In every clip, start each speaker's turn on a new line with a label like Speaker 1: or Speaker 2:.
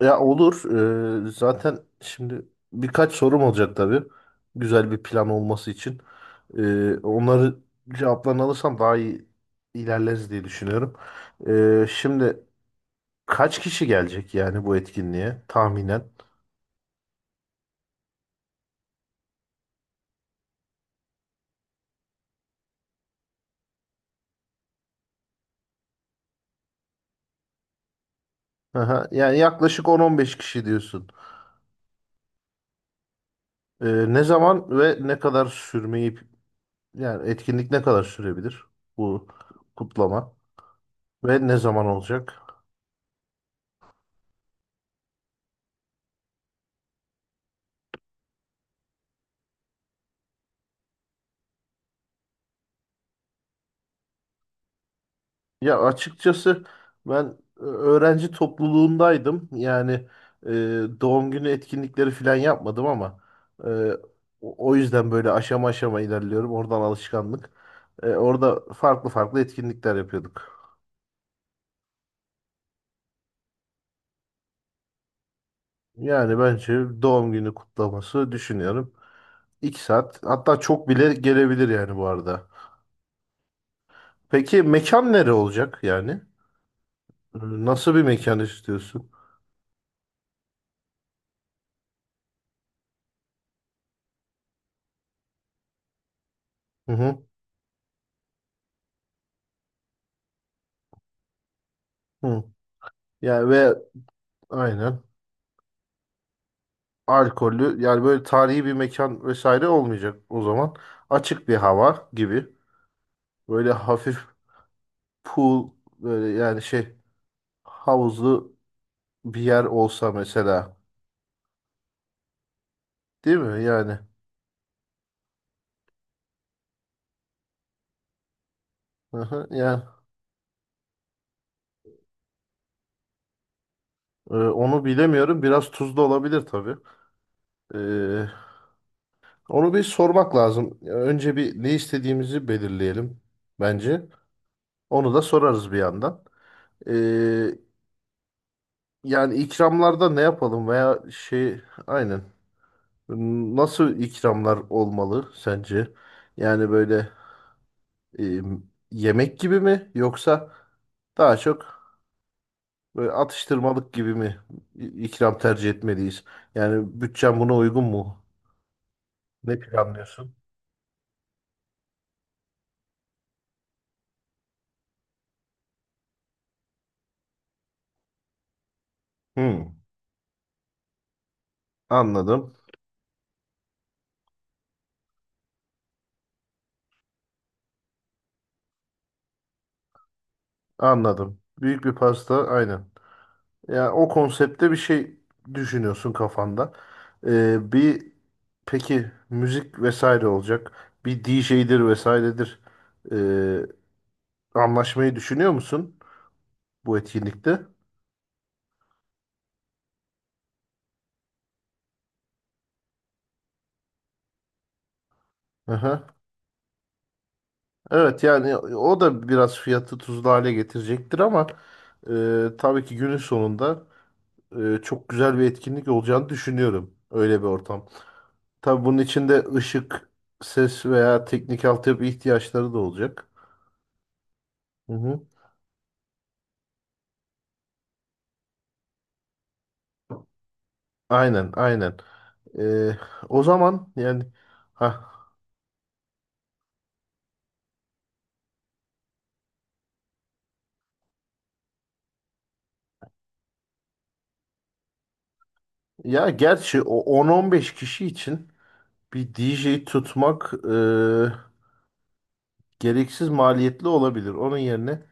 Speaker 1: Ya olur. Zaten şimdi birkaç sorum olacak tabii. Güzel bir plan olması için. Onları cevaplarını alırsam daha iyi ilerleriz diye düşünüyorum. Şimdi kaç kişi gelecek yani bu etkinliğe tahminen? Aha, yani yaklaşık 10-15 kişi diyorsun. Ne zaman ve ne kadar sürmeyi yani etkinlik ne kadar sürebilir bu kutlama ve ne zaman olacak? Ya açıkçası ben öğrenci topluluğundaydım. Yani e, doğum günü etkinlikleri falan yapmadım ama e, o yüzden böyle aşama aşama ilerliyorum. Oradan alışkanlık. E, orada farklı farklı etkinlikler yapıyorduk. Yani bence doğum günü kutlaması düşünüyorum. İki saat hatta çok bile gelebilir yani bu arada. Peki mekan nere olacak yani? E, nasıl bir mekan istiyorsun? Hı hı. Hı. Yani ve aynen. Alkollü yani böyle tarihi bir mekan vesaire olmayacak o zaman. Açık bir hava gibi. Böyle hafif pool böyle yani şey havuzlu bir yer olsa mesela. Değil mi yani? Hı hı, yani onu bilemiyorum. Biraz tuzlu olabilir tabii. E, onu bir sormak lazım. Önce bir ne istediğimizi belirleyelim bence. Onu da sorarız bir yandan. E, yani ikramlarda ne yapalım veya şey aynen. Nasıl ikramlar olmalı sence? Yani böyle e, yemek gibi mi yoksa daha çok böyle atıştırmalık gibi mi ikram tercih etmeliyiz? Yani bütçem buna uygun mu? Ne planlıyorsun? Hmm, anladım, anladım. Büyük bir pasta, aynen. Yani o konsepte bir şey düşünüyorsun kafanda. Bir Peki müzik vesaire olacak. Bir DJ'dir vesairedir. Anlaşmayı düşünüyor musun bu etkinlikte? Aha. Evet yani o da biraz fiyatı tuzlu hale getirecektir ama tabii ki günün sonunda çok güzel bir etkinlik olacağını düşünüyorum. Öyle bir ortam. Tabii bunun içinde ışık, ses veya teknik altyapı ihtiyaçları da olacak. Hı hı. Aynen aynen. E, o zaman yani ha Ya gerçi o 10-15 kişi için bir DJ tutmak gereksiz maliyetli olabilir. Onun yerine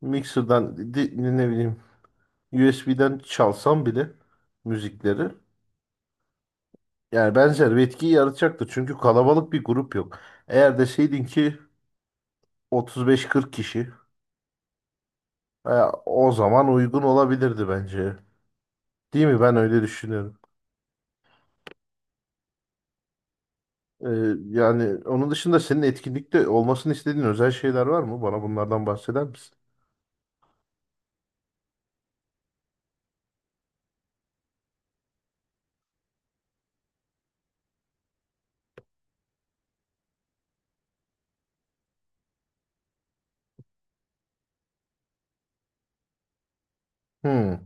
Speaker 1: ne bileyim USB'den çalsam bile müzikleri yani benzer bir etkiyi yaratacaktır. Çünkü kalabalık bir grup yok. Eğer deseydin ki 35-40 kişi e, o zaman uygun olabilirdi bence. Değil mi? Ben öyle düşünüyorum. E, yani onun dışında senin etkinlikte olmasını istediğin özel şeyler var mı? Bana bunlardan bahseder misin? Hmm.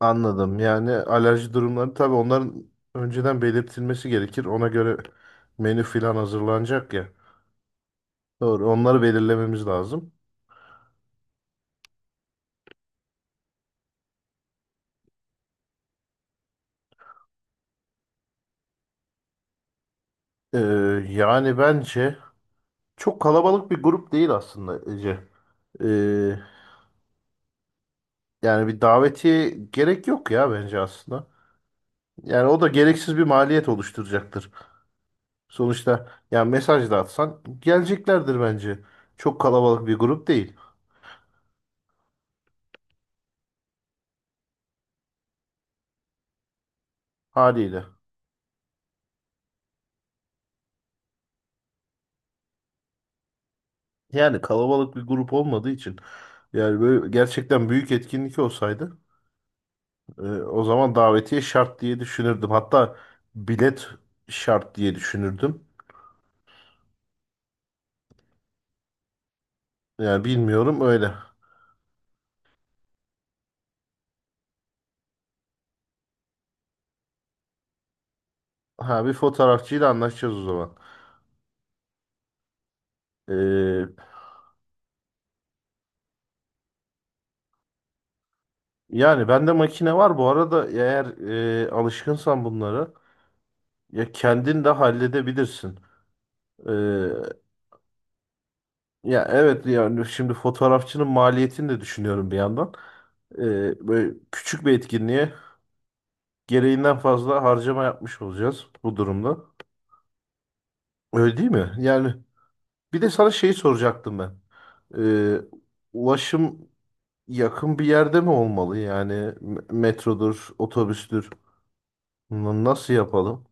Speaker 1: Anladım. Yani alerji durumları tabii onların önceden belirtilmesi gerekir. Ona göre menü filan hazırlanacak ya. Doğru. Onları belirlememiz lazım. Ee, Yani bence çok kalabalık bir grup değil aslında Ece. Ee, Yani bir davetiye gerek yok ya bence aslında. Yani o da gereksiz bir maliyet oluşturacaktır. Sonuçta yani mesaj da atsan geleceklerdir bence. Çok kalabalık bir grup değil haliyle. Yani kalabalık bir grup olmadığı için yani böyle gerçekten büyük etkinlik olsaydı o zaman davetiye şart diye düşünürdüm. Hatta bilet şart diye düşünürdüm. Yani bilmiyorum öyle. Ha bir fotoğrafçıyla anlaşacağız o zaman. E, Yani bende makine var bu arada eğer alışkınsan bunlara ya kendin de halledebilirsin. E, Ya evet yani şimdi fotoğrafçının maliyetini de düşünüyorum bir yandan. E, böyle küçük bir etkinliğe gereğinden fazla harcama yapmış olacağız bu durumda. Öyle değil mi? Yani bir de sana şeyi soracaktım ben. Ee, Ulaşım yakın bir yerde mi olmalı? Yani metrodur, otobüstür. Nasıl yapalım?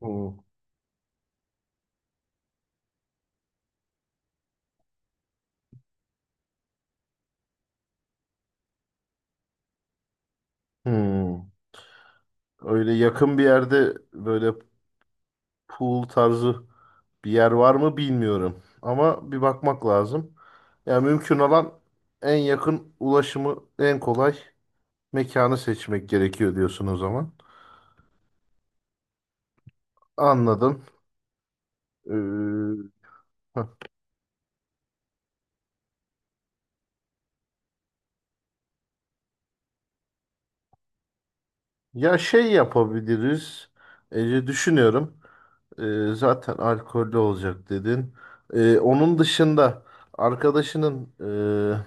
Speaker 1: Hmm. Hmm. Öyle yakın bir yerde böyle pool tarzı bir yer var mı bilmiyorum. Ama bir bakmak lazım. Yani mümkün olan en yakın ulaşımı en kolay mekanı seçmek gerekiyor diyorsun o zaman. Anladım. Ee, heh. Ya şey yapabiliriz. Ece düşünüyorum. Zaten alkollü olacak dedin. Onun dışında arkadaşının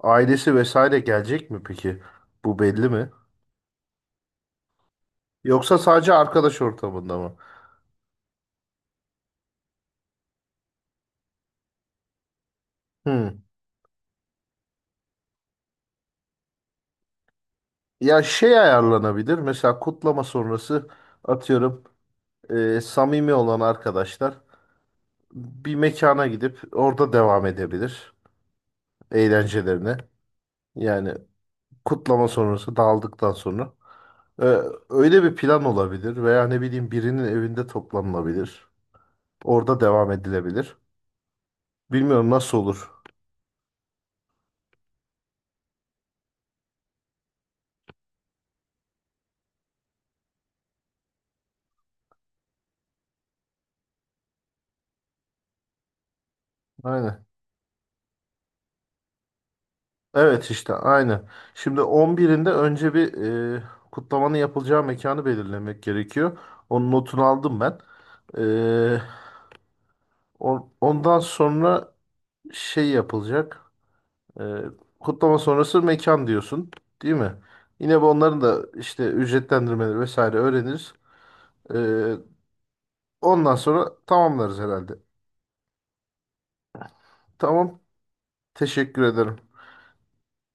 Speaker 1: ailesi vesaire gelecek mi peki? Bu belli mi? Yoksa sadece arkadaş ortamında mı? Hmm. Ya şey ayarlanabilir. Mesela kutlama sonrası atıyorum samimi olan arkadaşlar bir mekana gidip orada devam edebilir eğlencelerine. Yani kutlama sonrası dağıldıktan sonra e, öyle bir plan olabilir veya ne bileyim birinin evinde toplanılabilir. Orada devam edilebilir. Bilmiyorum nasıl olur. Aynen. Evet işte aynen. Şimdi on birinde önce bir e, kutlamanın yapılacağı mekanı belirlemek gerekiyor. Onun notunu aldım ben. E, Ondan sonra şey yapılacak. E, kutlama sonrası mekan diyorsun, değil mi? Yine bu onların da işte ücretlendirmeleri vesaire öğreniriz. Ee, Ondan sonra tamamlarız herhalde. Tamam. Teşekkür ederim.